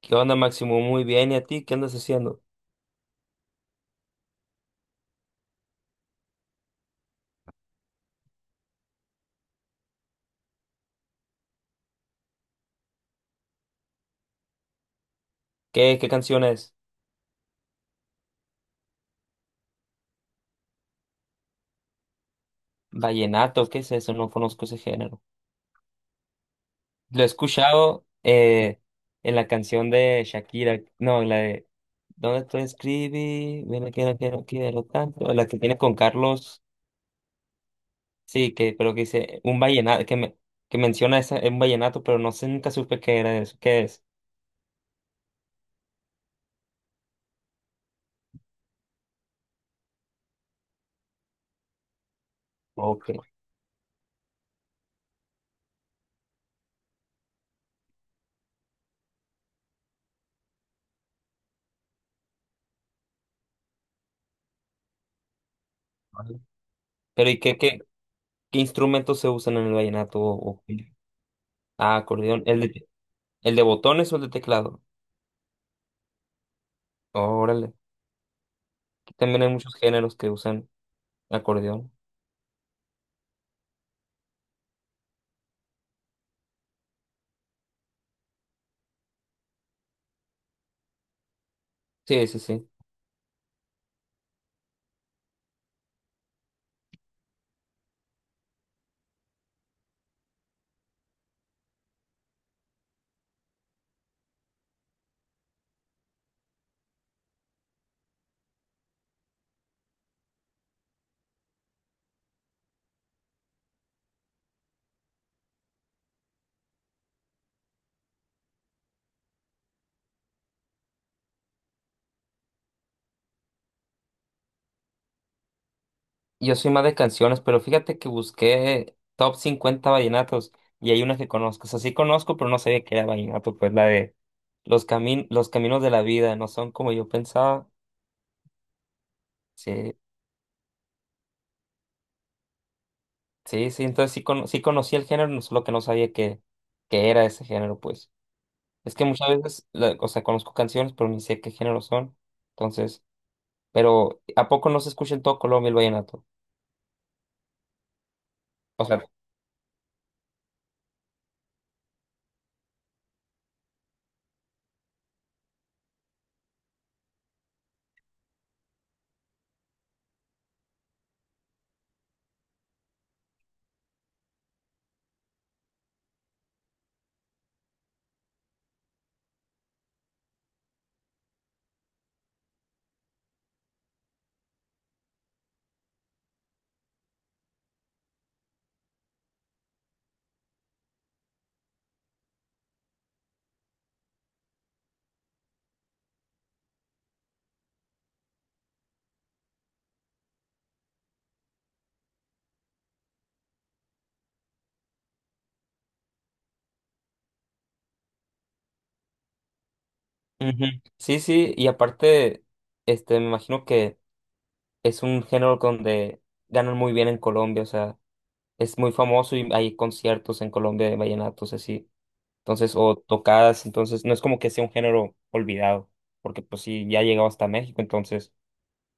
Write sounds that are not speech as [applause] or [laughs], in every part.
¿Qué onda, Máximo? Muy bien. ¿Y a ti? ¿Qué andas haciendo? ¿Qué canción es? Vallenato, ¿qué es eso? No conozco ese género. Lo he escuchado en la canción de Shakira. No, en la de ¿dónde te escribí? Mira que no quiero, quiero tanto. La que tiene con Carlos. Sí, que, pero que dice un vallenato, que, me, que menciona esa, un vallenato, pero no sé, nunca supe qué era eso. ¿Qué es? Ok. Pero ¿y qué instrumentos se usan en el vallenato? Ah, acordeón. ¿El de botones o el de teclado? Órale. Aquí también hay muchos géneros que usan acordeón. Sí, sí, sí. Yo soy más de canciones, pero fíjate que busqué top 50 vallenatos y hay una que conozco. O sea, sí conozco, pero no sabía que era vallenato, pues la de los caminos de la vida no son como yo pensaba. Sí, sí, sí. Entonces sí, sí conocí el género, solo que no sabía que, era ese género, pues. Es que muchas veces, o sea, conozco canciones, pero ni sé qué género son. Entonces, pero ¿a poco no se escucha en todo Colombia el vallenato? O sea, ujú. Sí, sí, y aparte, este, me imagino que es un género donde ganan muy bien en Colombia, o sea, es muy famoso y hay conciertos en Colombia de vallenatos así, entonces, o tocadas, entonces, no es como que sea un género olvidado, porque pues sí, ya ha llegado hasta México, entonces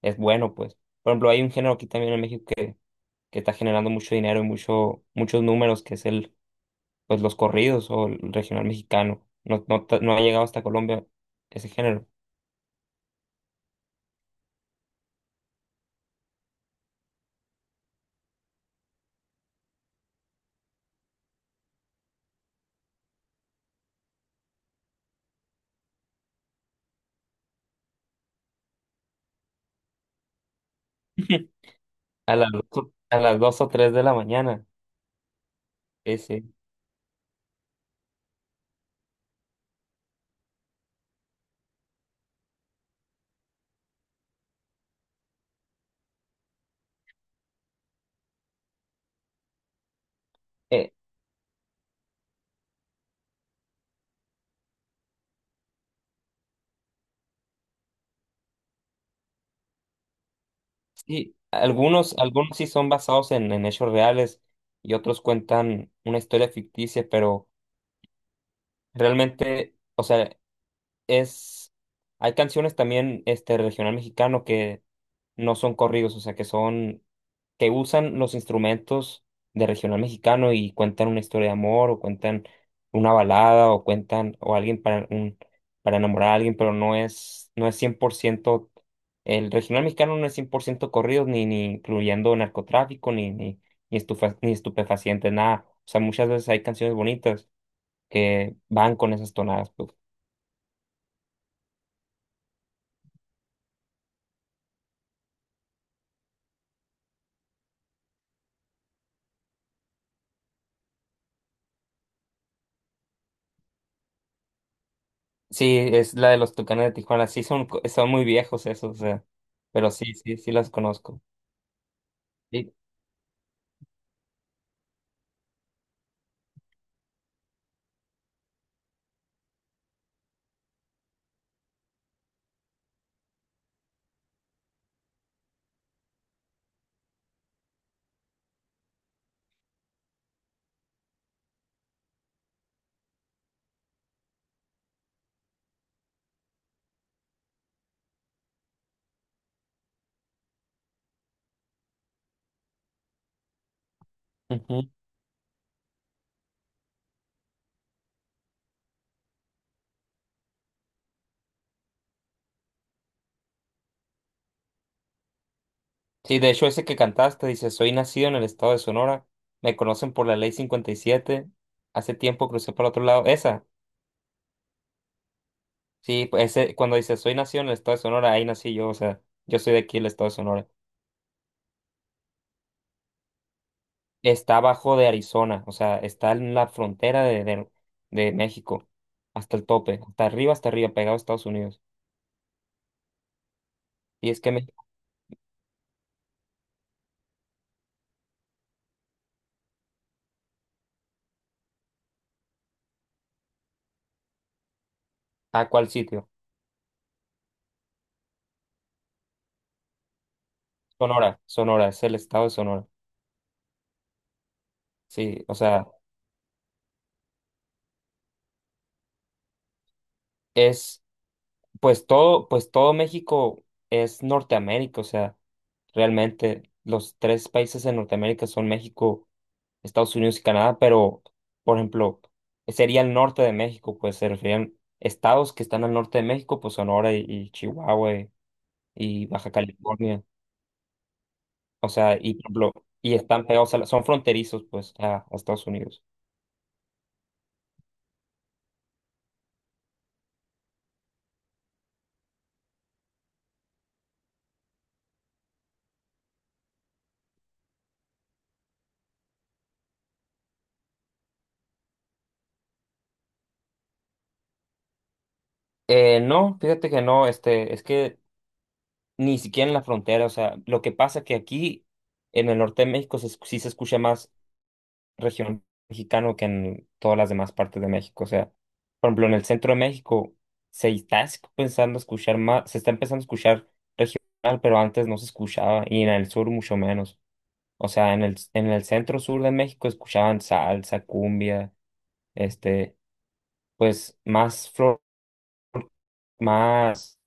es bueno, pues. Por ejemplo, hay un género aquí también en México que está generando mucho dinero y mucho, muchos números, que es el, pues los corridos o el regional mexicano. No, no, no ha llegado hasta Colombia ese género. [laughs] A las dos, a las dos o tres de la mañana. Ese. Eh, sí, algunos sí son basados en hechos reales y otros cuentan una historia ficticia, pero realmente, o sea, es, hay canciones también este regional mexicano que no son corridos. O sea, que usan los instrumentos de regional mexicano y cuentan una historia de amor o cuentan una balada o cuentan o alguien para enamorar a alguien, pero no es 100%, el regional mexicano no es 100% corridos, ni incluyendo narcotráfico, ni estupefacientes, nada. O sea, muchas veces hay canciones bonitas que van con esas tonadas, pues. Sí, es la de los Tucanes de Tijuana. Sí, son muy viejos esos, o sea, pero sí, sí, sí las conozco. Sí. Ujú. Sí, de hecho, ese que cantaste dice: soy nacido en el estado de Sonora, me conocen por la ley 57. Hace tiempo crucé para otro lado. Esa, sí, pues, ese, cuando dice: soy nacido en el estado de Sonora, ahí nací yo, o sea, yo soy de aquí, el estado de Sonora. Está abajo de Arizona, o sea, está en la frontera de México, hasta el tope, hasta arriba, pegado a Estados Unidos. Y es que, ¿a cuál sitio? Sonora, Sonora, es el estado de Sonora. Sí, o sea, es, pues todo México es Norteamérica, o sea, realmente los tres países en Norteamérica son México, Estados Unidos y Canadá, pero, por ejemplo, sería el norte de México, pues se referían estados que están al norte de México, pues Sonora y Chihuahua y Baja California, o sea, y, por ejemplo, y están pegados, son fronterizos, pues, a Estados Unidos. No, fíjate que no, este, es que ni siquiera en la frontera, o sea, lo que pasa que aquí en el norte de México sí se escucha más región mexicano que en todas las demás partes de México, o sea, por ejemplo, en el centro de México se está pensando escuchar más, se está empezando a escuchar regional, pero antes no se escuchaba, y en el sur mucho menos. O sea, en el, centro sur de México escuchaban salsa, cumbia, este, pues más flor, más,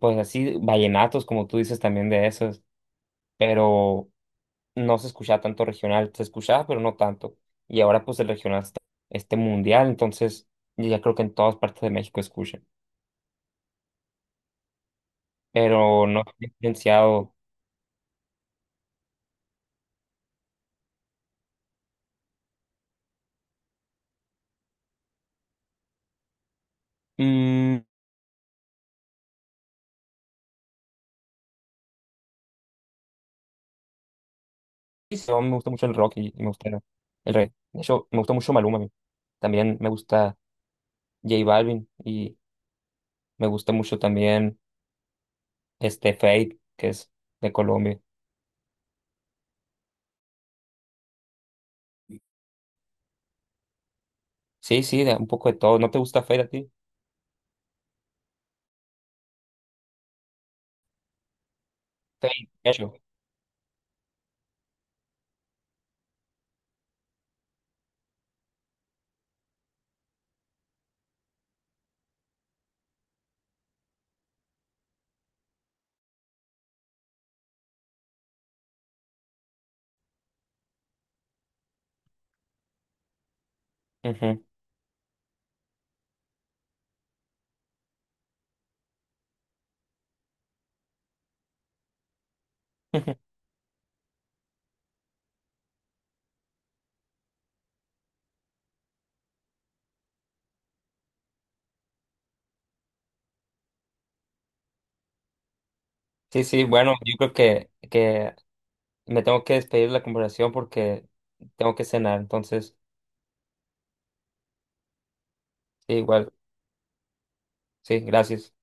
pues así, vallenatos, como tú dices también de esos, pero no se escuchaba tanto regional, se escuchaba, pero no tanto. Y ahora pues el regional está este mundial, entonces yo ya creo que en todas partes de México escuchan, pero no he diferenciado. Mm, sí, sí, me gusta mucho el rock y me gusta el rey. De hecho, me gusta mucho Maluma a mí. También me gusta J Balvin y me gusta mucho también este Fade, que es de Colombia. Sí, sí, un poco de todo. ¿No te gusta Fade a ti? Fade, de hecho. Ujú. [laughs] Sí, sí, bueno, yo creo que me tengo que despedir de la conversación porque tengo que cenar, entonces, sí, igual, sí, gracias.